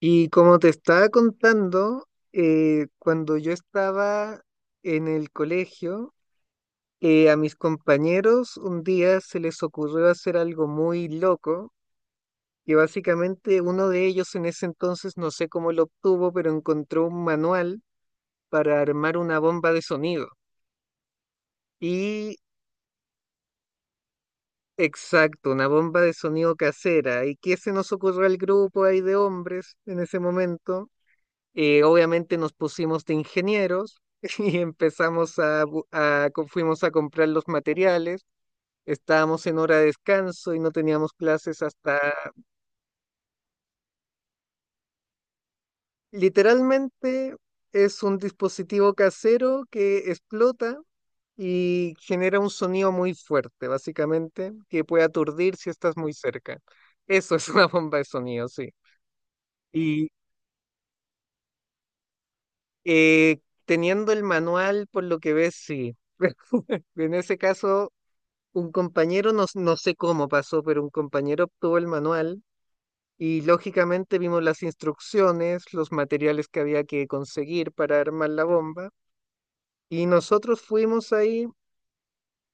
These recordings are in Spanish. Y como te estaba contando, cuando yo estaba en el colegio, a mis compañeros un día se les ocurrió hacer algo muy loco, que básicamente uno de ellos en ese entonces, no sé cómo lo obtuvo, pero encontró un manual para armar una bomba de sonido. Y exacto, una bomba de sonido casera. ¿Y qué se nos ocurrió al grupo ahí de hombres en ese momento? Obviamente nos pusimos de ingenieros y empezamos a, bu- a co- fuimos a comprar los materiales. Estábamos en hora de descanso y no teníamos clases hasta. Literalmente es un dispositivo casero que explota y genera un sonido muy fuerte, básicamente, que puede aturdir si estás muy cerca. Eso es una bomba de sonido, sí. Y eh, teniendo el manual, por lo que ves, sí. En ese caso un compañero, no, no sé cómo pasó, pero un compañero obtuvo el manual y lógicamente vimos las instrucciones, los materiales que había que conseguir para armar la bomba y nosotros fuimos ahí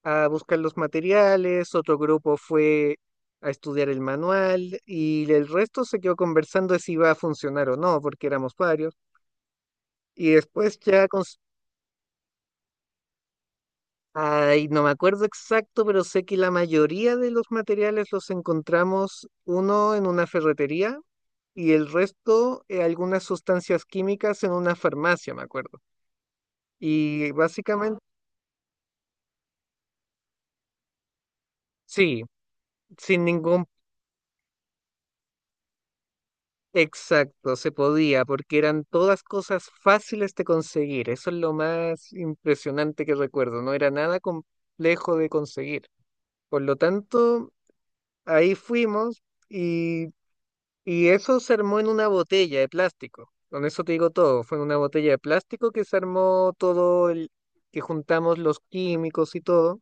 a buscar los materiales, otro grupo fue a estudiar el manual y el resto se quedó conversando de si iba a funcionar o no, porque éramos varios. Y después ya, ay, no me acuerdo exacto, pero sé que la mayoría de los materiales los encontramos uno en una ferretería y el resto algunas sustancias químicas en una farmacia, me acuerdo. Y básicamente, sí, sin ningún exacto, se podía, porque eran todas cosas fáciles de conseguir. Eso es lo más impresionante que recuerdo, no era nada complejo de conseguir. Por lo tanto, ahí fuimos y, y eso se armó en una botella de plástico. Con eso te digo todo, fue en una botella de plástico que se armó todo el, que juntamos los químicos y todo.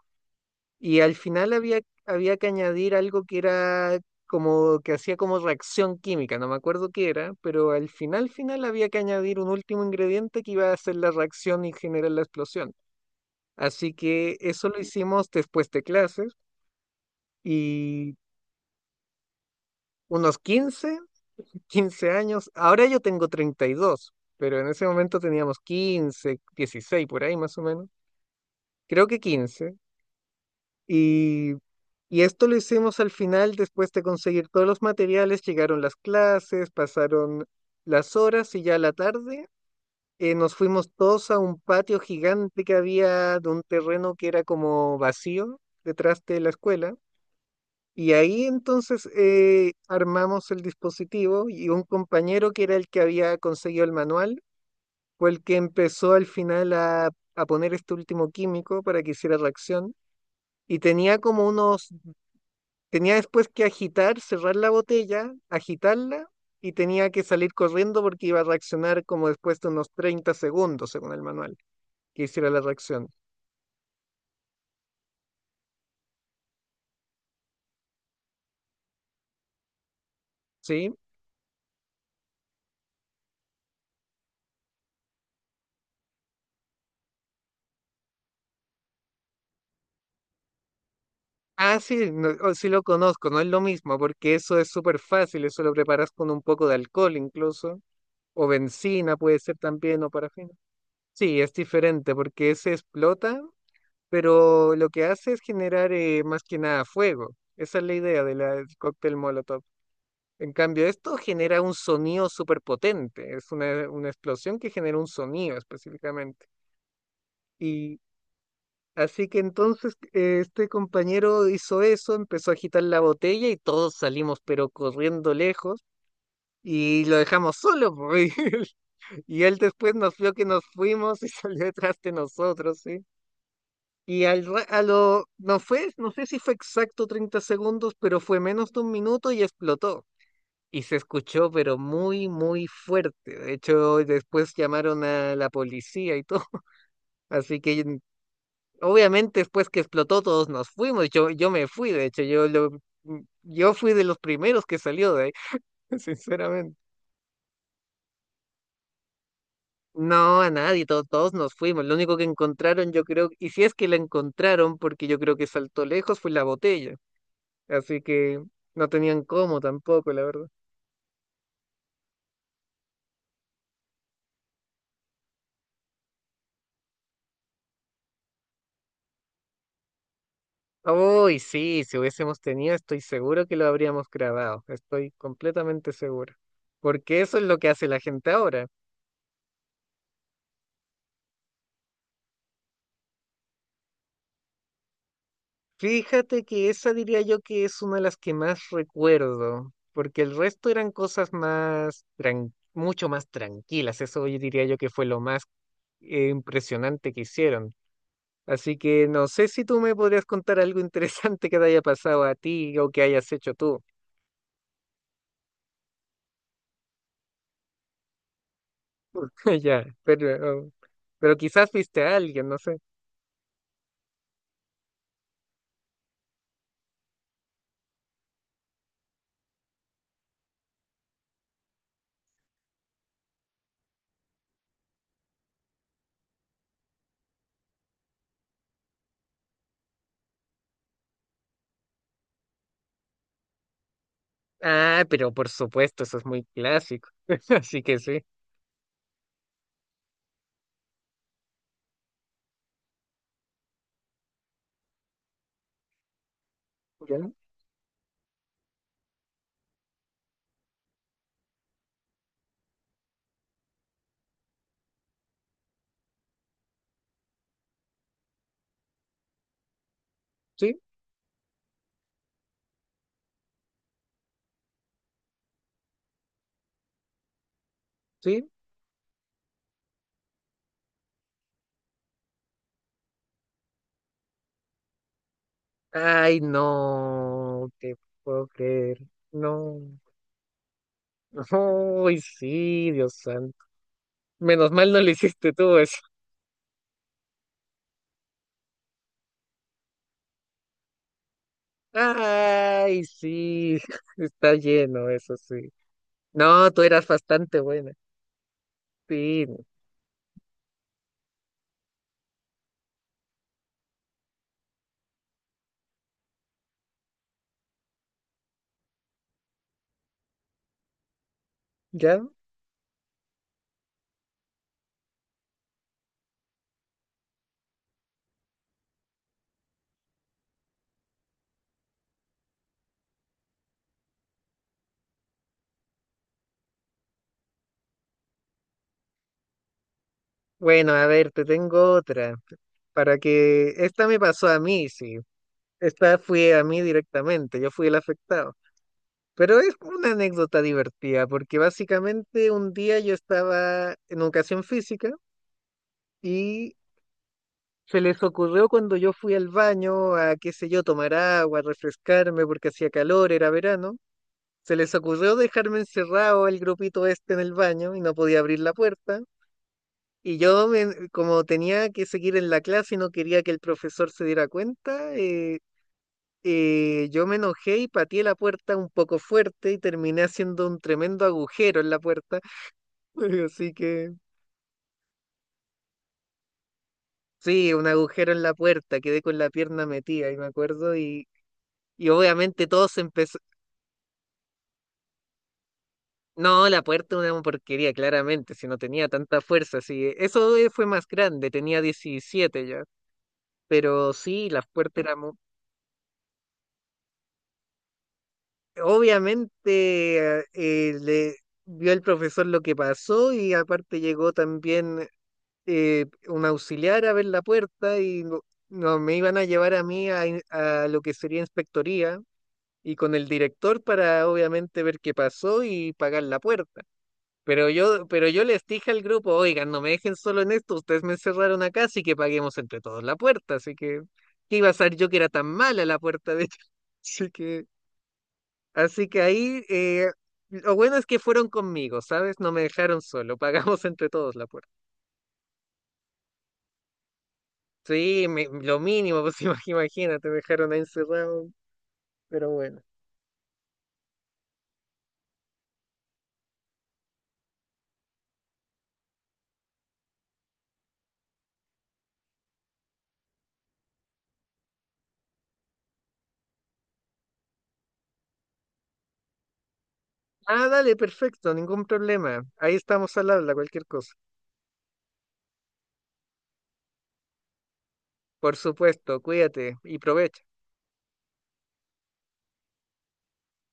Y al final había, había que añadir algo que era como que hacía como reacción química, no me acuerdo qué era, pero al final, final había que añadir un último ingrediente que iba a hacer la reacción y generar la explosión. Así que eso lo hicimos después de clases y unos 15 15 años. Ahora yo tengo 32, pero en ese momento teníamos 15, 16 por ahí, más o menos. Creo que 15. Y, y esto lo hicimos al final, después de conseguir todos los materiales, llegaron las clases, pasaron las horas y ya a la tarde nos fuimos todos a un patio gigante que había de un terreno que era como vacío detrás de la escuela. Y ahí entonces armamos el dispositivo y un compañero que era el que había conseguido el manual fue el que empezó al final a poner este último químico para que hiciera reacción. Y tenía como unos Tenía después que agitar, cerrar la botella, agitarla y tenía que salir corriendo porque iba a reaccionar como después de unos 30 segundos, según el manual, que hiciera la reacción. ¿Sí? Ah, sí, no, oh, sí lo conozco, no es lo mismo porque eso es súper fácil, eso lo preparas con un poco de alcohol incluso, o benzina puede ser también, o parafina. Sí, es diferente porque ese explota, pero lo que hace es generar más que nada fuego. Esa es la idea del cóctel Molotov. En cambio, esto genera un sonido súper potente, es una explosión que genera un sonido específicamente. Y así que entonces este compañero hizo eso, empezó a agitar la botella y todos salimos pero corriendo lejos y lo dejamos solo. Y él después nos vio que nos fuimos y salió detrás de nosotros, ¿sí? Y al, ra- a lo, no fue, no sé si fue exacto 30 segundos, pero fue menos de un minuto y explotó. Y se escuchó, pero muy, muy fuerte. De hecho, después llamaron a la policía y todo. Así que obviamente después que explotó todos nos fuimos. Yo me fui, de hecho, yo fui de los primeros que salió de ahí, sinceramente. No, a nadie, todos nos fuimos. Lo único que encontraron, yo creo, y si es que la encontraron, porque yo creo que saltó lejos, fue la botella. Así que no tenían cómo tampoco, la verdad. Uy, sí, si hubiésemos tenido, estoy seguro que lo habríamos grabado, estoy completamente seguro, porque eso es lo que hace la gente ahora. Fíjate que esa diría yo que es una de las que más recuerdo, porque el resto eran cosas más, mucho más tranquilas. Eso yo diría yo que fue lo más impresionante que hicieron. Así que no sé si tú me podrías contar algo interesante que te haya pasado a ti o que hayas hecho tú. Ya, pero quizás viste a alguien, no sé. Ah, pero por supuesto, eso es muy clásico. Así que sí. ¿Ya? Sí, sí. Ay, no, te puedo creer. No. Ay, sí, Dios santo. Menos mal no lo hiciste tú eso. Ay, sí. Está lleno, eso sí. No, tú eras bastante buena. Sí, ¿ya? Bueno, a ver, te tengo otra. Para que... Esta me pasó a mí, sí. Esta fue a mí directamente. Yo fui el afectado. Pero es como una anécdota divertida, porque básicamente un día yo estaba en educación física y se les ocurrió cuando yo fui al baño a, qué sé yo, tomar agua, refrescarme porque hacía calor, era verano, se les ocurrió dejarme encerrado el grupito este en el baño y no podía abrir la puerta. Y yo, como tenía que seguir en la clase y no quería que el profesor se diera cuenta, yo me enojé y pateé la puerta un poco fuerte y terminé haciendo un tremendo agujero en la puerta. Así que sí, un agujero en la puerta, quedé con la pierna metida, y me acuerdo, y obviamente todo se empezó. No, la puerta una porquería, claramente, si no tenía tanta fuerza, sí. Eso fue más grande, tenía 17 ya. Pero sí, las puertas eran. Obviamente le vio el profesor lo que pasó y aparte llegó también un auxiliar a ver la puerta y no, no, me iban a llevar a mí a lo que sería inspectoría y con el director para obviamente ver qué pasó y pagar la puerta. Pero yo les dije al grupo, oigan, no me dejen solo en esto, ustedes me encerraron acá, así que paguemos entre todos la puerta, así que, ¿qué iba a ser yo que era tan mala la puerta de hecho? Así que, así que, ahí, lo bueno es que fueron conmigo, ¿sabes? No me dejaron solo, pagamos entre todos la puerta. Sí, lo mínimo, pues, imagínate, me dejaron ahí encerrado, pero bueno. Ah, dale, perfecto, ningún problema. Ahí estamos al habla, cualquier cosa. Por supuesto, cuídate y provecha.